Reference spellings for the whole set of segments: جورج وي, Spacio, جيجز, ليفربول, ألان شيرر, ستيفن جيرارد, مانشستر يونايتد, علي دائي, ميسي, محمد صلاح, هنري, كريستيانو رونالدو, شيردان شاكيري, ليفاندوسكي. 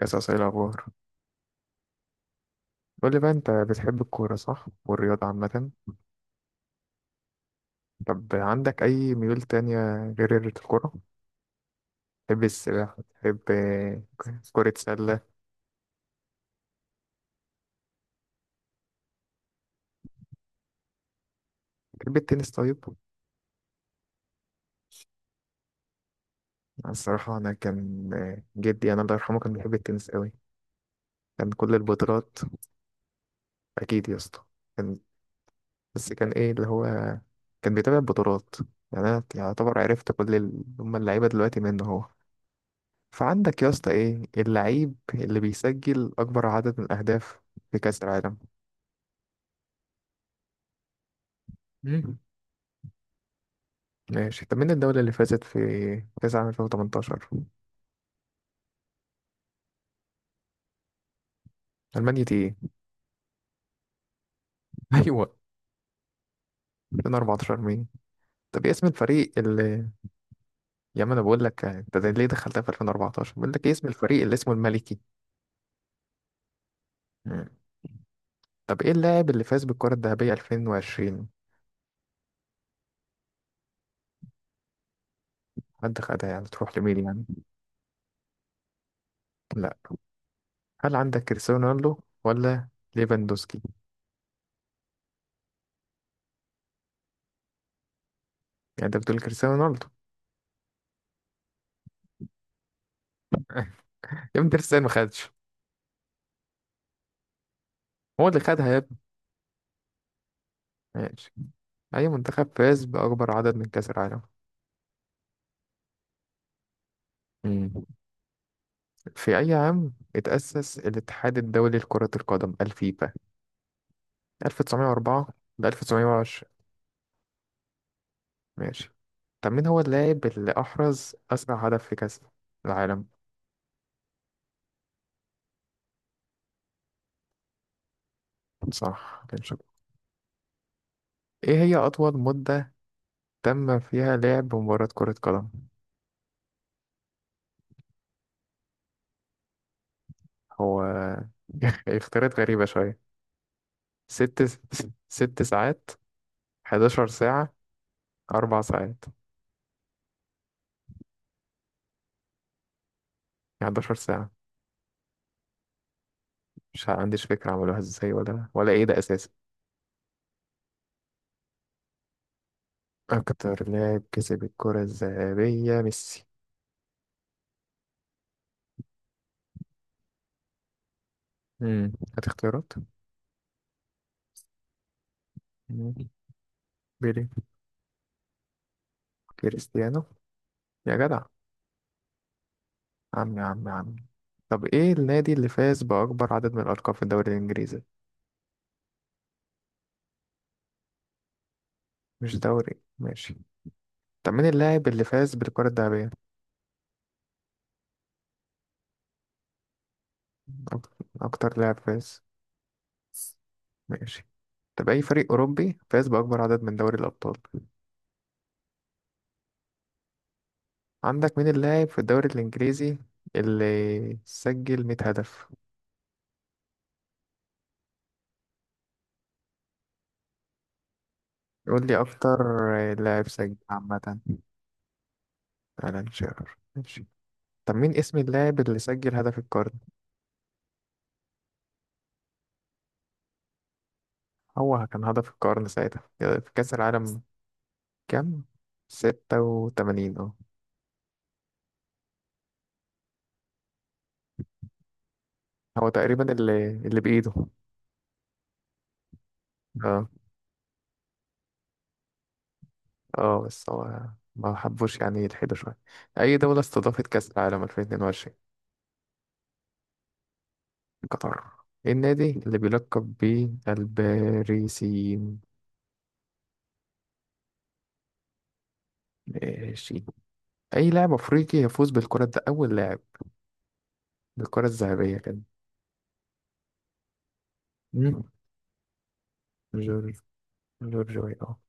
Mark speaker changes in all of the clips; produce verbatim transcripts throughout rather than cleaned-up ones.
Speaker 1: قصص ايه الأخبار؟ قول لي بقى، أنت بتحب الكورة صح والرياضة عامة؟ طب عندك أي ميول تانية غير الكورة؟ تحب السباحة؟ تحب كرة سلة؟ تحب التنس؟ طيب. أنا الصراحة أنا كان جدي أنا الله يرحمه كان بيحب التنس قوي، كان كل البطولات. أكيد يا اسطى. كان بس كان إيه اللي هو كان بيتابع البطولات. يعني أنا يعتبر عرفت كل ال- هما اللعيبة دلوقتي منه هو. فعندك يا اسطى، إيه اللعيب اللي بيسجل أكبر عدد من الأهداف في كأس العالم؟ مم. ماشي. طب مين الدولة اللي فازت في كأس عام ألفين وتمنطاش؟ ألمانيا؟ دي ايه. أيوة. ألفين وأربعطاش مين؟ طب ايه اسم الفريق اللي... يا عم أنا بقول لك، أنت ده ليه دخلتها في ألفين وأربعطاش؟ بقول لك ايه اسم الفريق اللي اسمه الملكي؟ مم. طب ايه اللاعب اللي فاز بالكرة الذهبية ألفين وعشرين؟ حد خدها يعني، تروح لمين يعني؟ لا. هل عندك كريستيانو رونالدو ولا ليفاندوسكي؟ يعني أنت بتقول كريستيانو رونالدو؟ يا ابني كريستيانو ما خدش، هو اللي خدها يا ابني. ماشي. أي منتخب فاز بأكبر عدد من كأس العالم؟ مم. في أي عام اتأسس الاتحاد الدولي لكرة القدم الفيفا؟ ألف وتسعمية وأربعة؟ ل ألف وتسعمية وعشرين؟ ماشي. طب مين هو اللاعب اللي أحرز أسرع هدف في كأس العالم؟ صح، كان شاطر. إيه هي أطول مدة تم فيها لعب مباراة كرة قدم؟ هو اختيارات غريبة شوية. ست ست ساعات؟ 11 ساعة؟ أربع ساعات؟ 11 ساعة؟ مش عنديش فكرة، عملوها ازاي ولا ولا ايه ده أساسا؟ أكتر لاعب كسب الكرة الذهبية ميسي. امم هات اختيارات. مم. بيلي. كريستيانو. يا جدع! عم، يا عم يا عم. طب ايه النادي اللي فاز بأكبر عدد من الألقاب في الدوري الإنجليزي؟ مش دوري. ماشي. طب مين اللاعب اللي فاز بالكرة الذهبية؟ أك- أكتر لاعب فاز؟ ماشي. طب أي فريق أوروبي فاز بأكبر عدد من دوري الأبطال؟ عندك مين اللاعب في الدوري الإنجليزي اللي سجل 100 هدف؟ قول لي أكتر لاعب سجل عامة. ألان شيرر. ماشي. طب مين اسم اللاعب اللي سجل هدف القرن؟ هو كان هدف القرن ساعتها في كأس العالم كام؟ ستة وتمانين، اه. هو تقريبا اللي اللي بإيده. اه، اه، بس هو ما حبوش يعني يلحدوا شوية. أي دولة استضافت كأس العالم ألفين واتنين وعشرين؟ قطر. إيه النادي اللي بيلقب بالباريسيين؟ ماشي. أي لاعب أفريقي يفوز بالكرة، ده أول لاعب بالكرة الذهبية كده؟ مم. جورج. جورج وي، اه.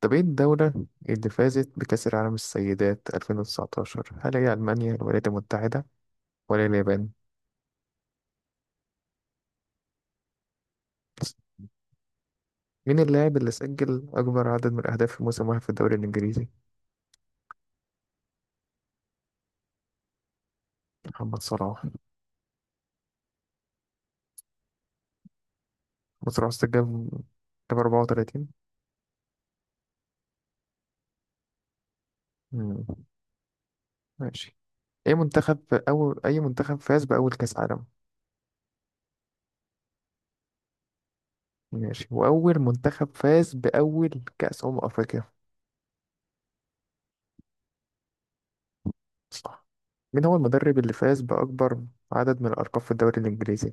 Speaker 1: طب ايه الدولة اللي فازت بكأس العالم السيدات ألفين وتسعطاش؟ هل هي ألمانيا، الولايات المتحدة، ولا اليابان؟ مين اللاعب اللي سجل أكبر عدد من الأهداف في موسم واحد في الدوري الإنجليزي؟ محمد صلاح محمد صلاح سجل جاب أربعة وتلاتين. مم. ماشي. أي منتخب أول أي منتخب فاز بأول كأس عالم؟ ماشي. وأول منتخب فاز بأول كأس أمم أفريقيا؟ صح. مين هو المدرب اللي فاز بأكبر عدد من الألقاب في الدوري الإنجليزي؟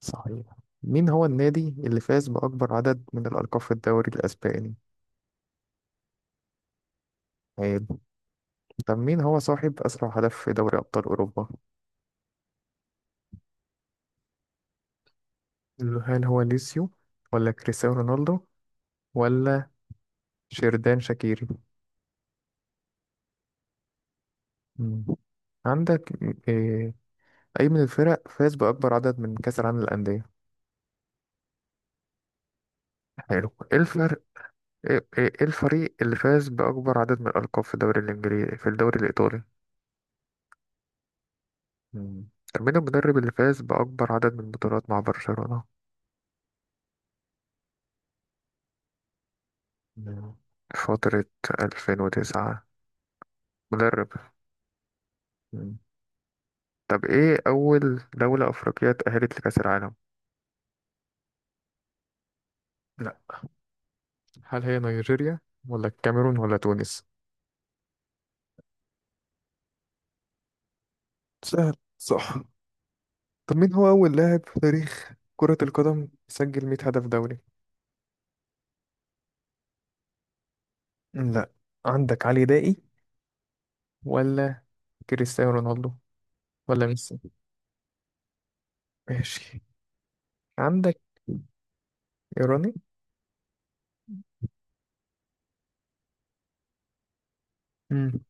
Speaker 1: صحيح. مين هو النادي اللي فاز بأكبر عدد من الألقاب في الدوري الأسباني؟ عيب. طب مين هو صاحب أسرع هدف في دوري أبطال أوروبا؟ هل هو ليسيو، ولا كريستيانو رونالدو، ولا شيردان شاكيري؟ مم. عندك إيه أي من الفرق فاز بأكبر عدد من كأس العالم للأندية؟ حلو. إيه الفرق إيه إيه إيه الفريق اللي فاز بأكبر عدد من الألقاب في الدوري الإنجليزي في الدوري الإيطالي؟ مم. طب مين المدرب اللي فاز بأكبر عدد من البطولات مع برشلونة؟ مم. فترة ألفين وتسعة؟ مدرب. مم. طب إيه أول دولة أفريقية اتأهلت لكأس العالم؟ لا. هل هي نيجيريا، ولا الكاميرون، ولا تونس؟ سهل، صح. طب مين هو أول لاعب في تاريخ كرة القدم سجل 100 هدف دولي؟ لا. عندك علي دائي، ولا كريستيانو رونالدو، ولا ميسي؟ ماشي. عندك إيراني. مم.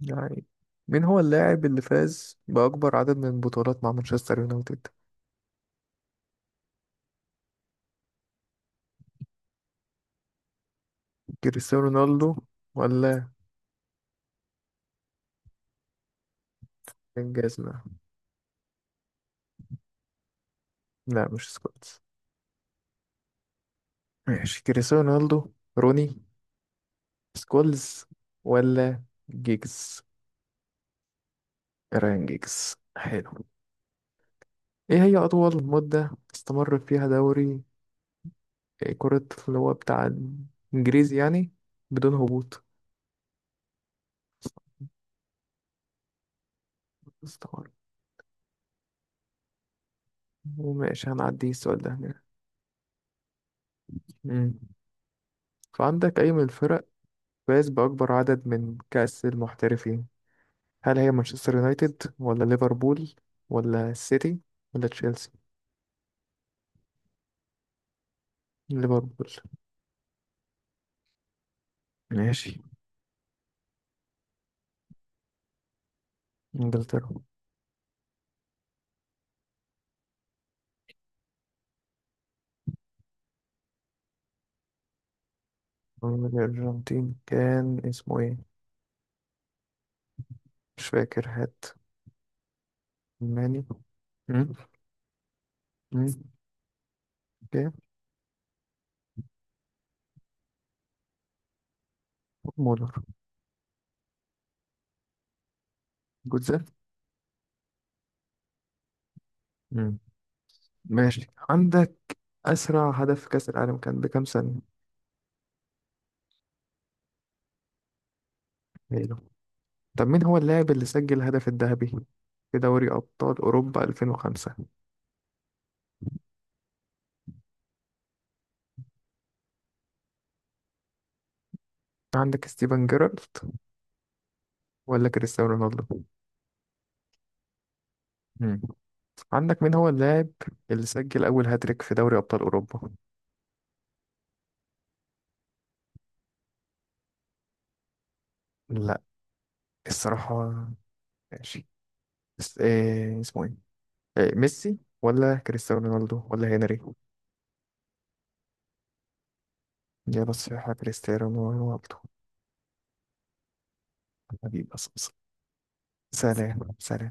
Speaker 1: يعني مين هو اللاعب اللي فاز بأكبر عدد من البطولات مع مانشستر يونايتد؟ كريستيانو رونالدو، ولا... انجازنا. لا، مش سكولز. ماشي، كريستيانو رونالدو، روني، سكولز، ولا جيجز؟ ران جيجز، حلو. ايه هي اطول مدة استمر فيها دوري كرة اللي هو بتاع انجليزي يعني بدون هبوط؟ استمر. وماشي، هنعدي السؤال ده. مم. فعندك، اي من الفرق فاز باكبر عدد من كأس المحترفين؟ هل هي مانشستر يونايتد، ولا ليفربول، ولا السيتي، ولا تشيلسي؟ ليفربول. ماشي. انجلترا. الارجنتين كان اسمه ايه؟ مش فاكر، هات. ماني. مم. مم. اوكي. مولر. جوتزا. مم. ماشي. عندك اسرع هدف في كاس العالم كان بكام سنه؟ ميلو. طب مين هو اللاعب اللي سجل الهدف الذهبي في دوري ابطال اوروبا ألفين وخمسة؟ عندك ستيفن جيرارد، ولا كريستيانو رونالدو؟ مم. عندك مين هو اللاعب اللي سجل أول هاتريك في دوري أبطال أوروبا؟ لا، الصراحة. ماشي. اس- إيه اسمه إيه؟ إيه، ميسي، ولا كريستيانو رونالدو، ولا هنري؟ إجابة صحيحة: كريستيانو رونالدو. حبيبي أصلا. سلام سلام.